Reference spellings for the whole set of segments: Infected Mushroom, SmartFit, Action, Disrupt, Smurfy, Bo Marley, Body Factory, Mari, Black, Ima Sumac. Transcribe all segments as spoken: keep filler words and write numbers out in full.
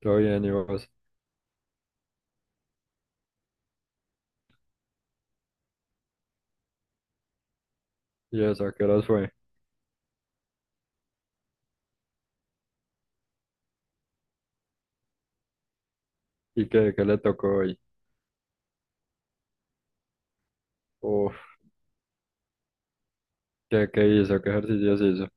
Todo bien, ¿y vos? ¿Y eso? ¿A qué horas fue? ¿Y qué, qué le tocó hoy? Uf, ¿qué, qué hizo? ¿Qué ejercicios hizo?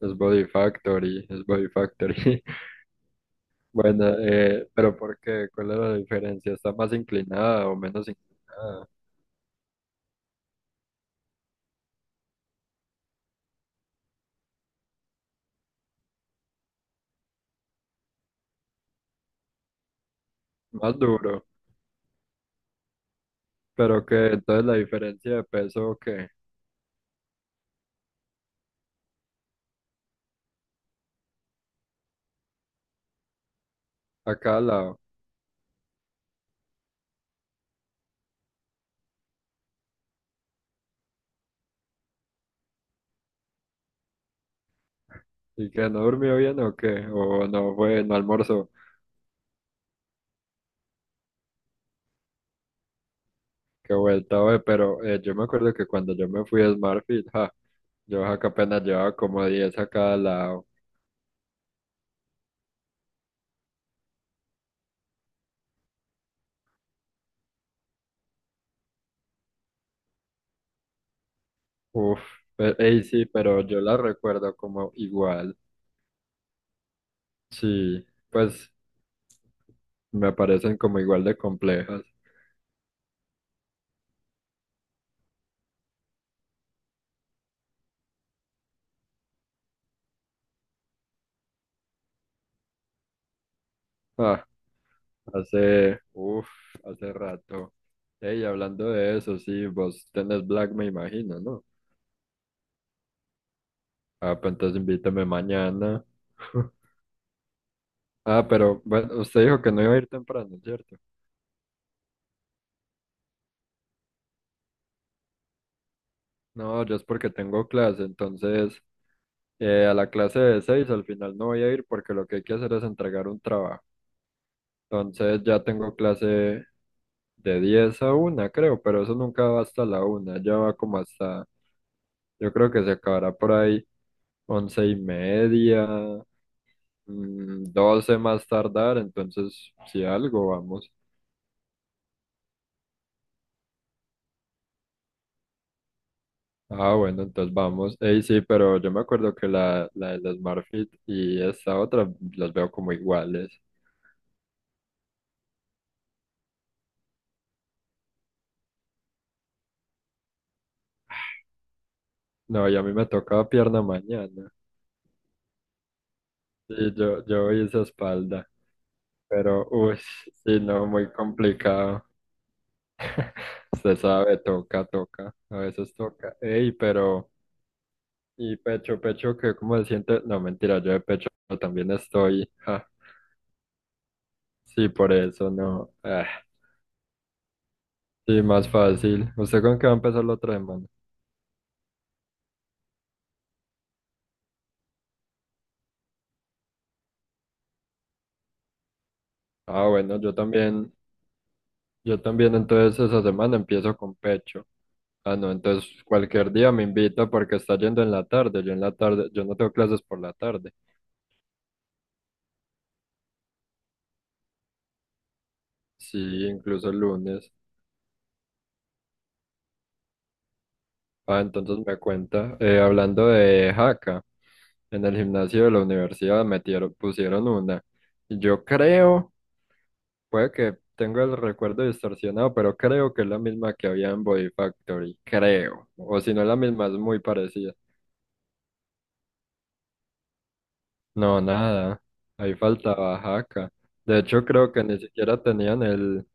Es Body Factory, es Body Factory. Bueno, eh, pero ¿por qué? ¿Cuál es la diferencia? ¿Está más inclinada o menos inclinada? Más duro. ¿Pero qué? Entonces la diferencia de peso, ¿qué? A cada lado. ¿Y que no durmió bien o qué? ¿O no fue, no almorzó? Qué vuelta, güey. Pero eh, yo me acuerdo que cuando yo me fui a SmartFit, ja, yo ja, que apenas llevaba como diez a cada lado. Uf, pe- ey, sí, pero yo las recuerdo como igual. Sí, pues me parecen como igual de complejas. Ah, hace, uf, hace rato. Ey, hablando de eso, sí, vos tenés Black, me imagino, ¿no? Ah, pues entonces invítame mañana. Ah, pero bueno, usted dijo que no iba a ir temprano, ¿cierto? No, yo es porque tengo clase, entonces eh, a la clase de seis al final no voy a ir porque lo que hay que hacer es entregar un trabajo. Entonces ya tengo clase de diez a una creo, pero eso nunca va hasta la una ya va como hasta, yo creo que se acabará por ahí once y media, mm, doce más tardar, entonces si algo vamos. Ah, bueno, entonces vamos. Ey, sí, pero yo me acuerdo que la, la del SmartFit y esta otra las veo como iguales. No, y a mí me tocaba pierna mañana. Y yo, yo hice espalda, pero uy, sí, no, muy complicado. Se sabe, toca, toca, a veces toca. Ey, pero, y pecho, pecho, que cómo se siente, no, mentira, yo de pecho también estoy, ja, sí, por eso, no, ah, sí, más fácil. ¿Usted con qué va a empezar la otra semana? Ah, bueno, yo también, yo también, entonces esa semana empiezo con pecho. Ah, no, entonces cualquier día me invita porque está yendo en la tarde, yo en la tarde, yo no tengo clases por la tarde, sí, incluso el lunes. Ah, entonces me cuenta, eh, hablando de jaca. En el gimnasio de la universidad metieron, pusieron una. Y yo creo, puede que tengo el recuerdo distorsionado, pero creo que es la misma que había en Body Factory. Creo. O si no es la misma, es muy parecida. No, nada. Ahí faltaba jaca. De hecho, creo que ni siquiera tenían el,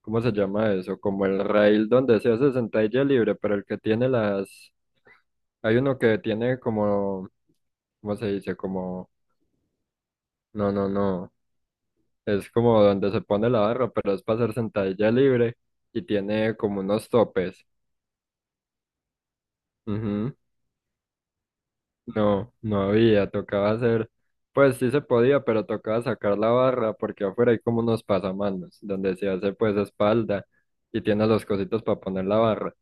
¿cómo se llama eso? Como el rail donde se hace sentadilla libre, pero el que tiene las... Hay uno que tiene como, ¿cómo se dice? Como... No, no, no. Es como donde se pone la barra, pero es para hacer sentadilla libre y tiene como unos topes. Ujú. No, no había, tocaba hacer, pues sí se podía, pero tocaba sacar la barra porque afuera hay como unos pasamanos donde se hace pues espalda y tiene los cositos para poner la barra.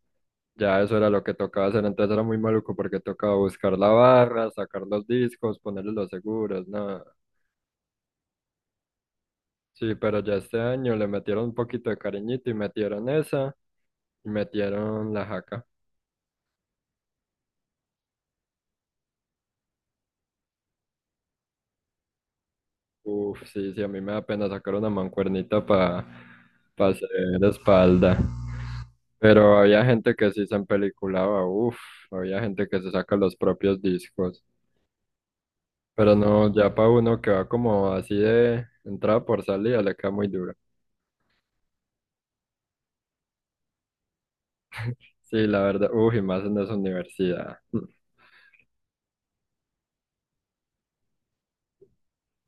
Ya eso era lo que tocaba hacer, entonces era muy maluco porque tocaba buscar la barra, sacar los discos, ponerle los seguros, nada. Sí, pero ya este año le metieron un poquito de cariñito y metieron esa y metieron la jaca. Uf, sí, sí, a mí me da pena sacar una mancuernita para hacer espalda. Pero había gente que sí se empeliculaba, uf, había gente que se saca los propios discos. Pero no, ya para uno que va como así de entrada por salida, le queda muy duro. Sí, la verdad, uf, y más en esa universidad.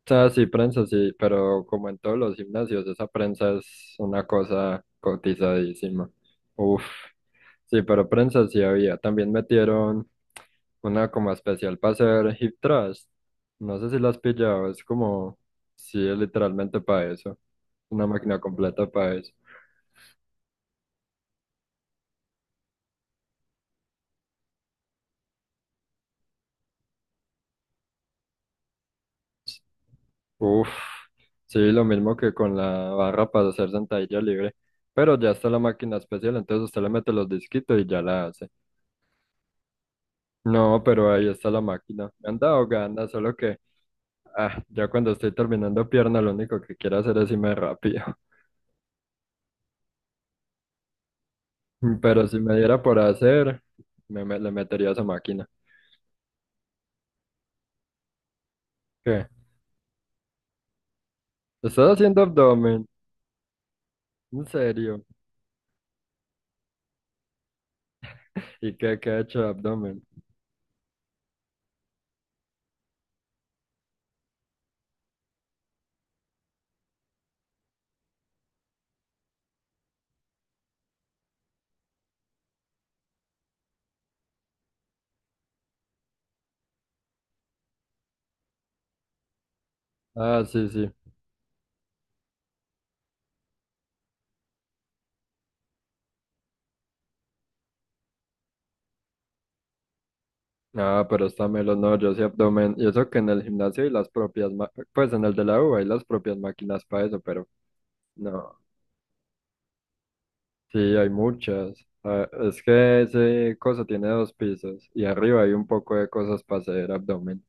O sea, sí, prensa sí, pero como en todos los gimnasios, esa prensa es una cosa cotizadísima. Uf, sí, pero prensa sí había. También metieron una como especial para hacer hip thrust. No sé si la has pillado, es como, sí, es literalmente para eso, una máquina completa para eso. Uf, sí, lo mismo que con la barra para hacer sentadilla libre, pero ya está la máquina especial, entonces usted le mete los disquitos y ya la hace. No, pero ahí está la máquina. Me han dado ganas, solo que ah, ya cuando estoy terminando pierna, lo único que quiero hacer es irme rápido. Pero si me diera por hacer, me, me- le metería a esa máquina. ¿Qué? ¿Estás haciendo abdomen? ¿En serio? ¿Y qué, qué ha hecho de abdomen? Ah, sí, sí. Ah, pero está melo, no, yo sí abdomen. Y eso que en el gimnasio hay las propias, ma- pues en el de la U hay las propias máquinas para eso, pero no. Sí, hay muchas. Ah, es que ese cosa tiene dos pisos y arriba hay un poco de cosas para hacer abdomen.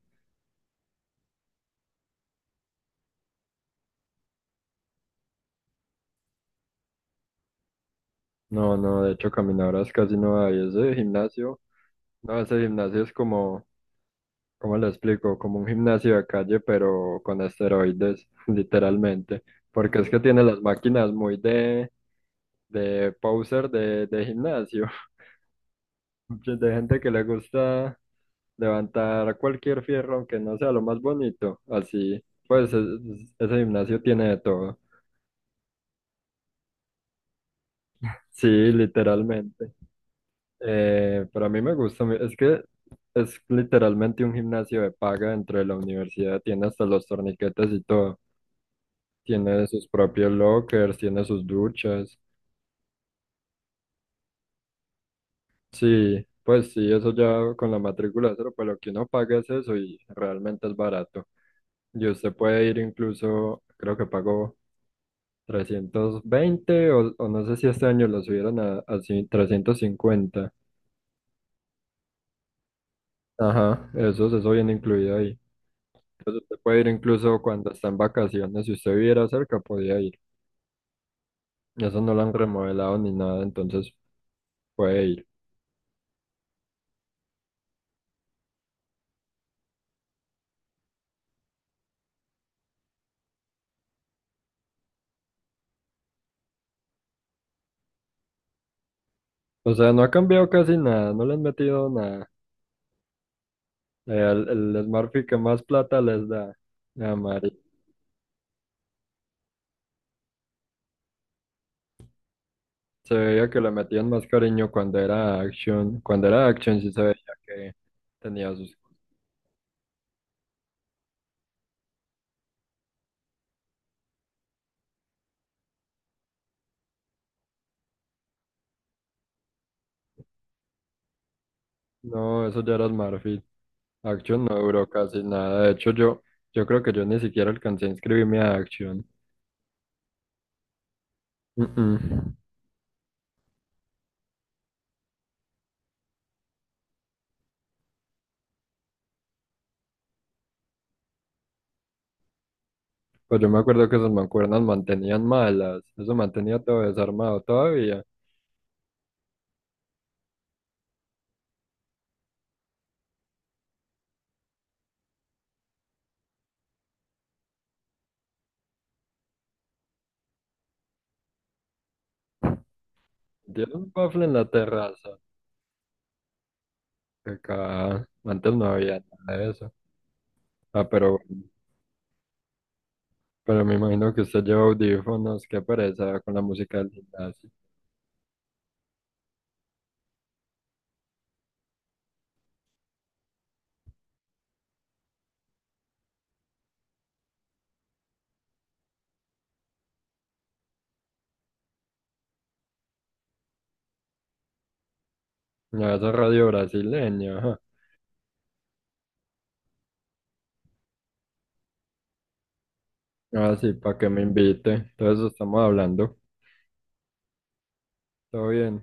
No, no, de hecho caminadoras casi no hay. Ese gimnasio, no, ese gimnasio es como, ¿cómo lo explico? Como un gimnasio de calle, pero con esteroides, literalmente. Porque es que tiene las máquinas muy de, de poser de, de gimnasio, de gente que le gusta levantar cualquier fierro, aunque no sea lo más bonito. Así, pues es- es- ese gimnasio tiene de todo. Sí, literalmente. Eh, pero a mí me gusta, me- es que es literalmente un gimnasio de paga dentro de la universidad, tiene hasta los torniquetes y todo. Tiene sus propios lockers, tiene sus duchas. Sí, pues sí, eso ya con la matrícula cero, pues lo que uno paga es eso y realmente es barato. Y usted puede ir incluso, creo que pagó trescientos veinte o, o no sé si este año lo subieron a, a ci- trescientos cincuenta. Ajá, eso, eso viene incluido ahí. Entonces usted puede ir incluso cuando está en vacaciones, si usted viviera cerca, podía ir. Eso no lo han remodelado ni nada, entonces puede ir. O sea, no ha cambiado casi nada, no le han metido nada. Eh, El, el Smurfy que más plata les da. Ah, Mari. Se veía que le metían más cariño cuando era Action. Cuando era Action sí se veía que tenía sus... No, eso ya era Smurfy. Action no duró casi nada. De hecho, yo, yo creo que yo ni siquiera alcancé a inscribirme a Action. Mm-mm. Pues yo me acuerdo que esas mancuernas mantenían malas. Eso mantenía todo desarmado todavía. Dieron un bafle en la terraza. Que acá antes no había nada de eso. Ah, pero bueno. Pero me imagino que usted lleva audífonos, qué pereza con la música del gimnasio. Ya esa radio brasileña, ajá. Ah, sí, para que me invite. Entonces estamos hablando. Todo bien.